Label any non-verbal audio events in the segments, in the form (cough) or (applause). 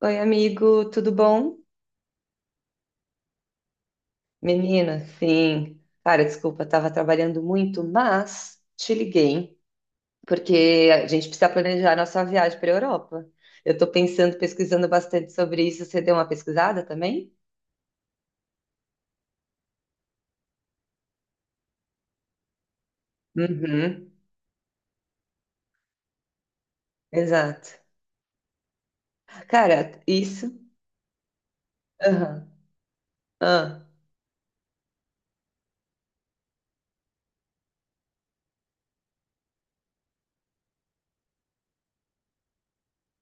Oi, amigo, tudo bom? Menina, sim. Cara, desculpa, estava trabalhando muito, mas te liguei porque a gente precisa planejar nossa viagem para a Europa. Eu estou pensando, pesquisando bastante sobre isso. Você deu uma pesquisada também? Uhum, exato. Cara, isso. Aham, ah,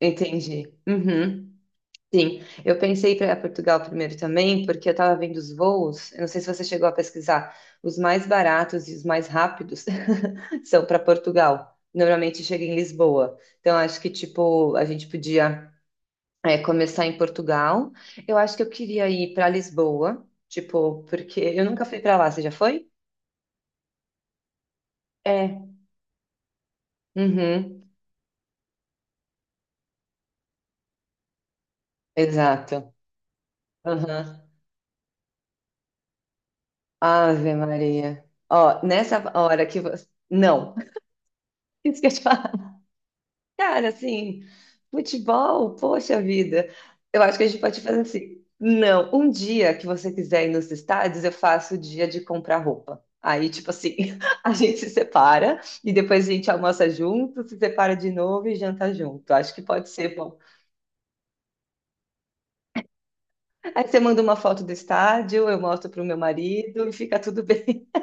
entendi. Uhum. Sim, eu pensei para Portugal primeiro também, porque eu estava vendo os voos. Eu não sei se você chegou a pesquisar. Os mais baratos e os mais rápidos (laughs) são para Portugal. Normalmente chega em Lisboa. Então acho que tipo a gente podia é, começar em Portugal. Eu acho que eu queria ir para Lisboa, tipo porque eu nunca fui para lá. Você já foi? É. Uhum. Exato. Uhum. Ave Maria. Ó, nessa hora que você... Não, (laughs) isso que eu te falo. Cara, assim, futebol, poxa vida. Eu acho que a gente pode fazer assim. Não, um dia que você quiser ir nos estádios, eu faço o dia de comprar roupa. Aí, tipo assim, (laughs) a gente se separa e depois a gente almoça junto, se separa de novo e janta junto. Acho que pode ser bom. Aí você manda uma foto do estádio, eu mostro pro meu marido e fica tudo bem. (laughs)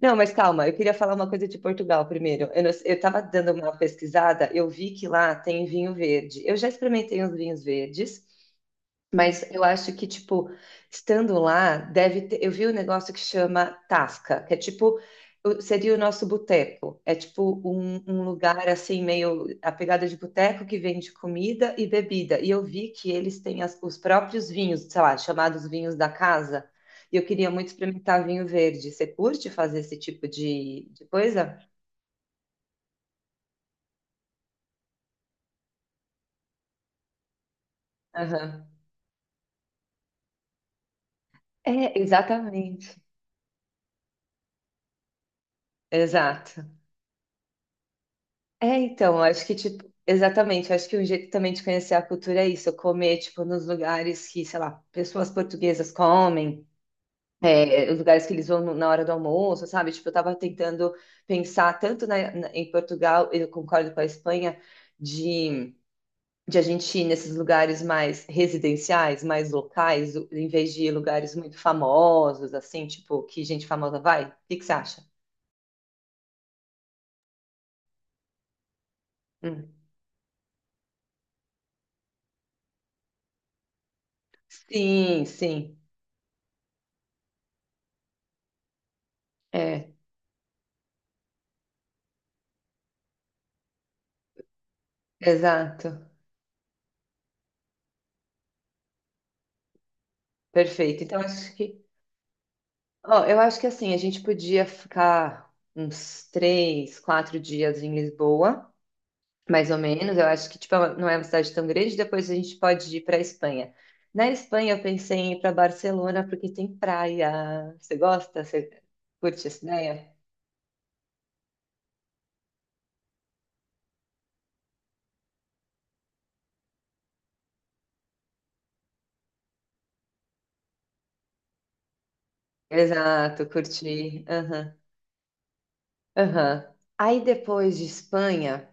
Não, mas calma, eu queria falar uma coisa de Portugal primeiro. Eu, não- eu tava dando uma pesquisada, eu vi que lá tem vinho verde. Eu já experimentei uns vinhos verdes. Mas eu acho que, tipo, estando lá, deve ter. Eu vi um negócio que chama Tasca, que é tipo. Seria o nosso boteco. É tipo um lugar assim, meio a pegada de boteco que vende comida e bebida. E eu vi que eles têm os próprios vinhos, sei lá, chamados vinhos da casa. E eu queria muito experimentar vinho verde. Você curte fazer esse tipo de coisa? Aham. É, exatamente. Exato. É, então, eu acho que, tipo, exatamente, eu acho que um jeito também de conhecer a cultura é isso, comer, tipo, nos lugares que, sei lá, pessoas portuguesas comem, é, os lugares que eles vão na hora do almoço, sabe? Tipo, eu tava tentando pensar tanto na, em Portugal, eu concordo com a Espanha, de, de a gente ir nesses lugares mais residenciais, mais locais, em vez de ir lugares muito famosos, assim, tipo, que gente famosa vai. O que que você acha? Hum. Sim, sim, é, exato. Perfeito. Então, acho que, ó, eu acho que assim, a gente podia ficar uns três, quatro dias em Lisboa, mais ou menos. Eu acho que, tipo, não é uma cidade tão grande. Depois a gente pode ir para a Espanha. Na Espanha, eu pensei em ir para Barcelona porque tem praia. Você gosta? Você curte essa ideia? Exato, curti. Aham, aham. Aí depois de Espanha.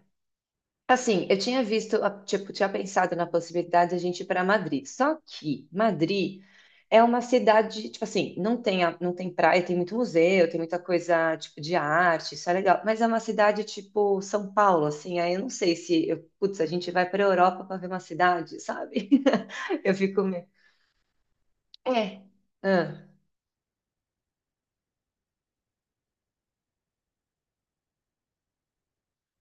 Assim, eu tinha visto, tipo, tinha pensado na possibilidade de a gente ir para Madrid. Só que Madrid é uma cidade, tipo assim, não tem, não tem praia, tem muito museu, tem muita coisa, tipo, de arte, isso é legal. Mas é uma cidade, tipo, São Paulo, assim, aí eu não sei se, eu, putz, a gente vai para a Europa para ver uma cidade, sabe? (laughs) Eu fico meio... É. Ah.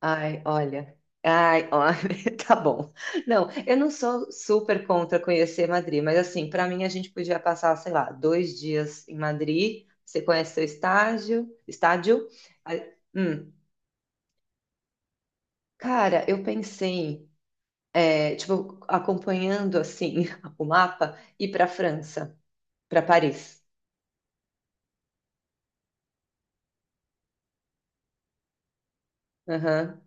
Ai, olha. Ai, olha, (laughs) tá bom. Não, eu não sou super contra conhecer Madrid, mas assim, para mim a gente podia passar, sei lá, dois dias em Madrid. Você conhece seu estágio, estádio? Ah, hum. Cara, eu pensei, é, tipo, acompanhando assim (laughs) o mapa, ir para França, para Paris. Aham.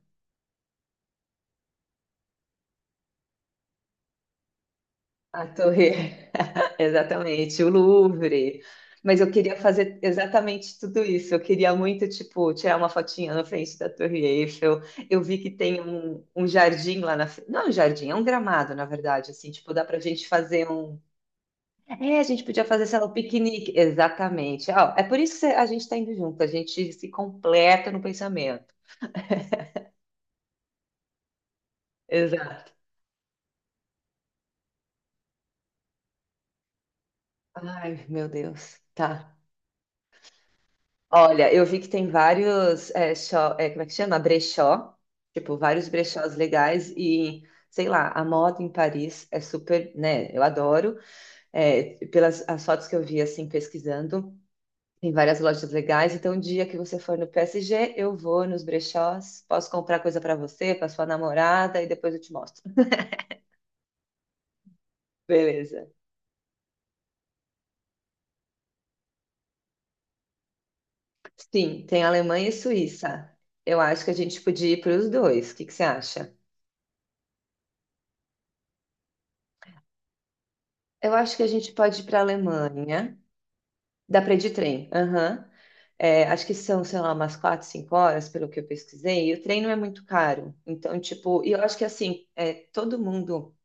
A Torre. Exatamente, o Louvre. Mas eu queria fazer exatamente tudo isso. Eu queria muito, tipo, tirar uma fotinha na frente da Torre Eiffel. Eu vi que tem um jardim lá na frente. Não é um jardim, é um gramado, na verdade. Assim, tipo, dá pra gente fazer um. É, a gente podia fazer, sei lá, um piquenique. Exatamente. Ó, é por isso que a gente tá indo junto. A gente se completa no pensamento. Exato. Ai, meu Deus. Tá. Olha, eu vi que tem vários, é, é, como é que chama? Brechó, tipo, vários brechós legais e, sei lá, a moda em Paris é super, né, eu adoro, é, pelas as fotos que eu vi, assim, pesquisando, tem várias lojas legais, então, o dia que você for no PSG, eu vou nos brechós, posso comprar coisa para você, para sua namorada e depois eu te mostro. (laughs) Beleza. Sim, tem Alemanha e Suíça. Eu acho que a gente podia ir para os dois, o que que você acha? Eu acho que a gente pode ir para a Alemanha. Dá para ir de trem. Aham. É, acho que são, sei lá, umas quatro, cinco horas, pelo que eu pesquisei, e o trem não é muito caro. Então, tipo, e eu acho que assim, é, todo mundo,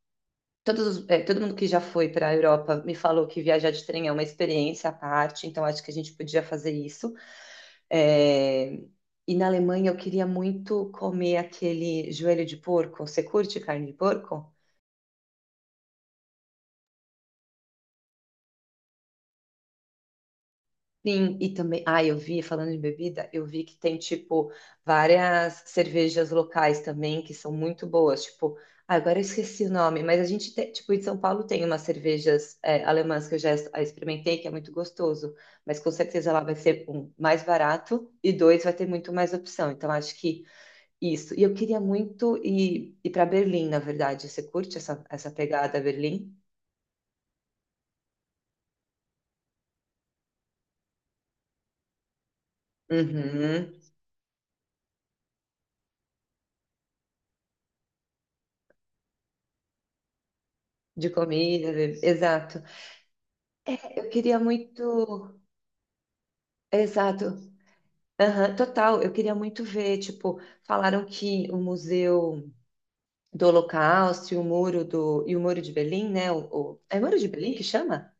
todos, é, todo mundo que já foi para a Europa me falou que viajar de trem é uma experiência à parte, então acho que a gente podia fazer isso. É, e na Alemanha eu queria muito comer aquele joelho de porco. Você curte carne de porco? Sim, e também, ah, eu vi, falando de bebida, eu vi que tem, tipo, várias cervejas locais também que são muito boas, tipo, ah, agora eu esqueci o nome, mas a gente tem, tipo, em São Paulo tem umas cervejas é, alemãs que eu já experimentei, que é muito gostoso, mas com certeza lá vai ser, um, mais barato e dois, vai ter muito mais opção, então acho que isso. E eu queria muito ir para Berlim, na verdade, você curte essa, essa pegada Berlim? Uhum. De comida, exato. É, eu queria muito. Exato. Aham, total. Eu queria muito ver, tipo, falaram que o Museu do Holocausto e o Muro de Berlim, né? O, é Muro de Berlim que chama?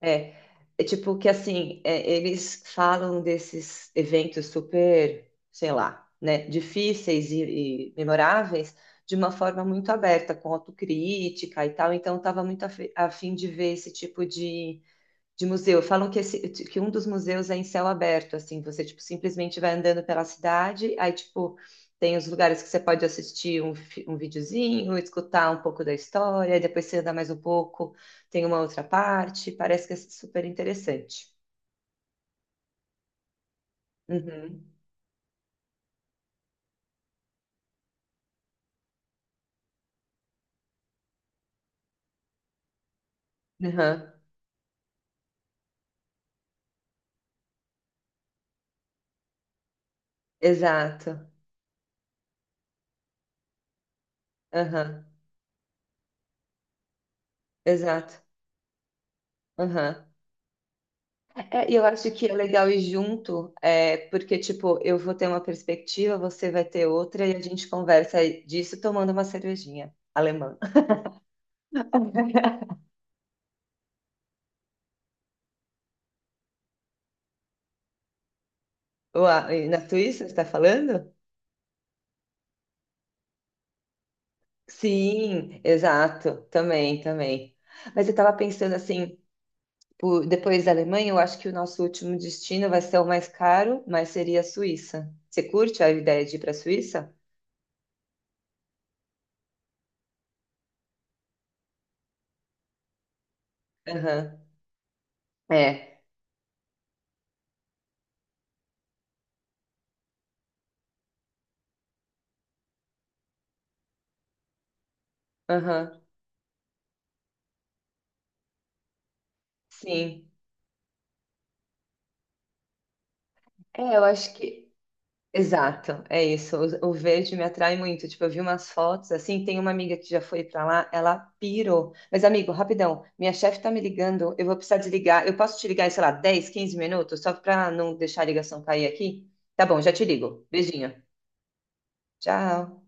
É. É tipo que assim, é, eles falam desses eventos super, sei lá, né, difíceis e memoráveis de uma forma muito aberta, com autocrítica e tal. Então, eu estava muito a fim de ver esse tipo de museu. Falam que, esse, que um dos museus é em céu aberto, assim, você, tipo, simplesmente vai andando pela cidade, aí, tipo, tem os lugares que você pode assistir um, um videozinho, escutar um pouco da história, depois você anda mais um pouco, tem uma outra parte, parece que é super interessante. Uhum. Uhum. Exato. Aham. Exato. Aham. É, e eu acho que é legal ir junto, é, porque, tipo, eu vou ter uma perspectiva, você vai ter outra, e a gente conversa disso tomando uma cervejinha alemã. (laughs) Uau, e na Suíça, você está falando? Sim, exato, também, também. Mas eu estava pensando assim, depois da Alemanha, eu acho que o nosso último destino vai ser o mais caro, mas seria a Suíça. Você curte a ideia de ir para a Suíça? Aham, é, aham, sim. É, eu acho que. Exato, é isso. O verde me atrai muito. Tipo, eu vi umas fotos assim. Tem uma amiga que já foi pra lá, ela pirou. Mas, amigo, rapidão, minha chefe tá me ligando. Eu vou precisar desligar. Eu posso te ligar em, sei lá, 10, 15 minutos, só pra não deixar a ligação cair aqui? Tá bom, já te ligo. Beijinho. Tchau.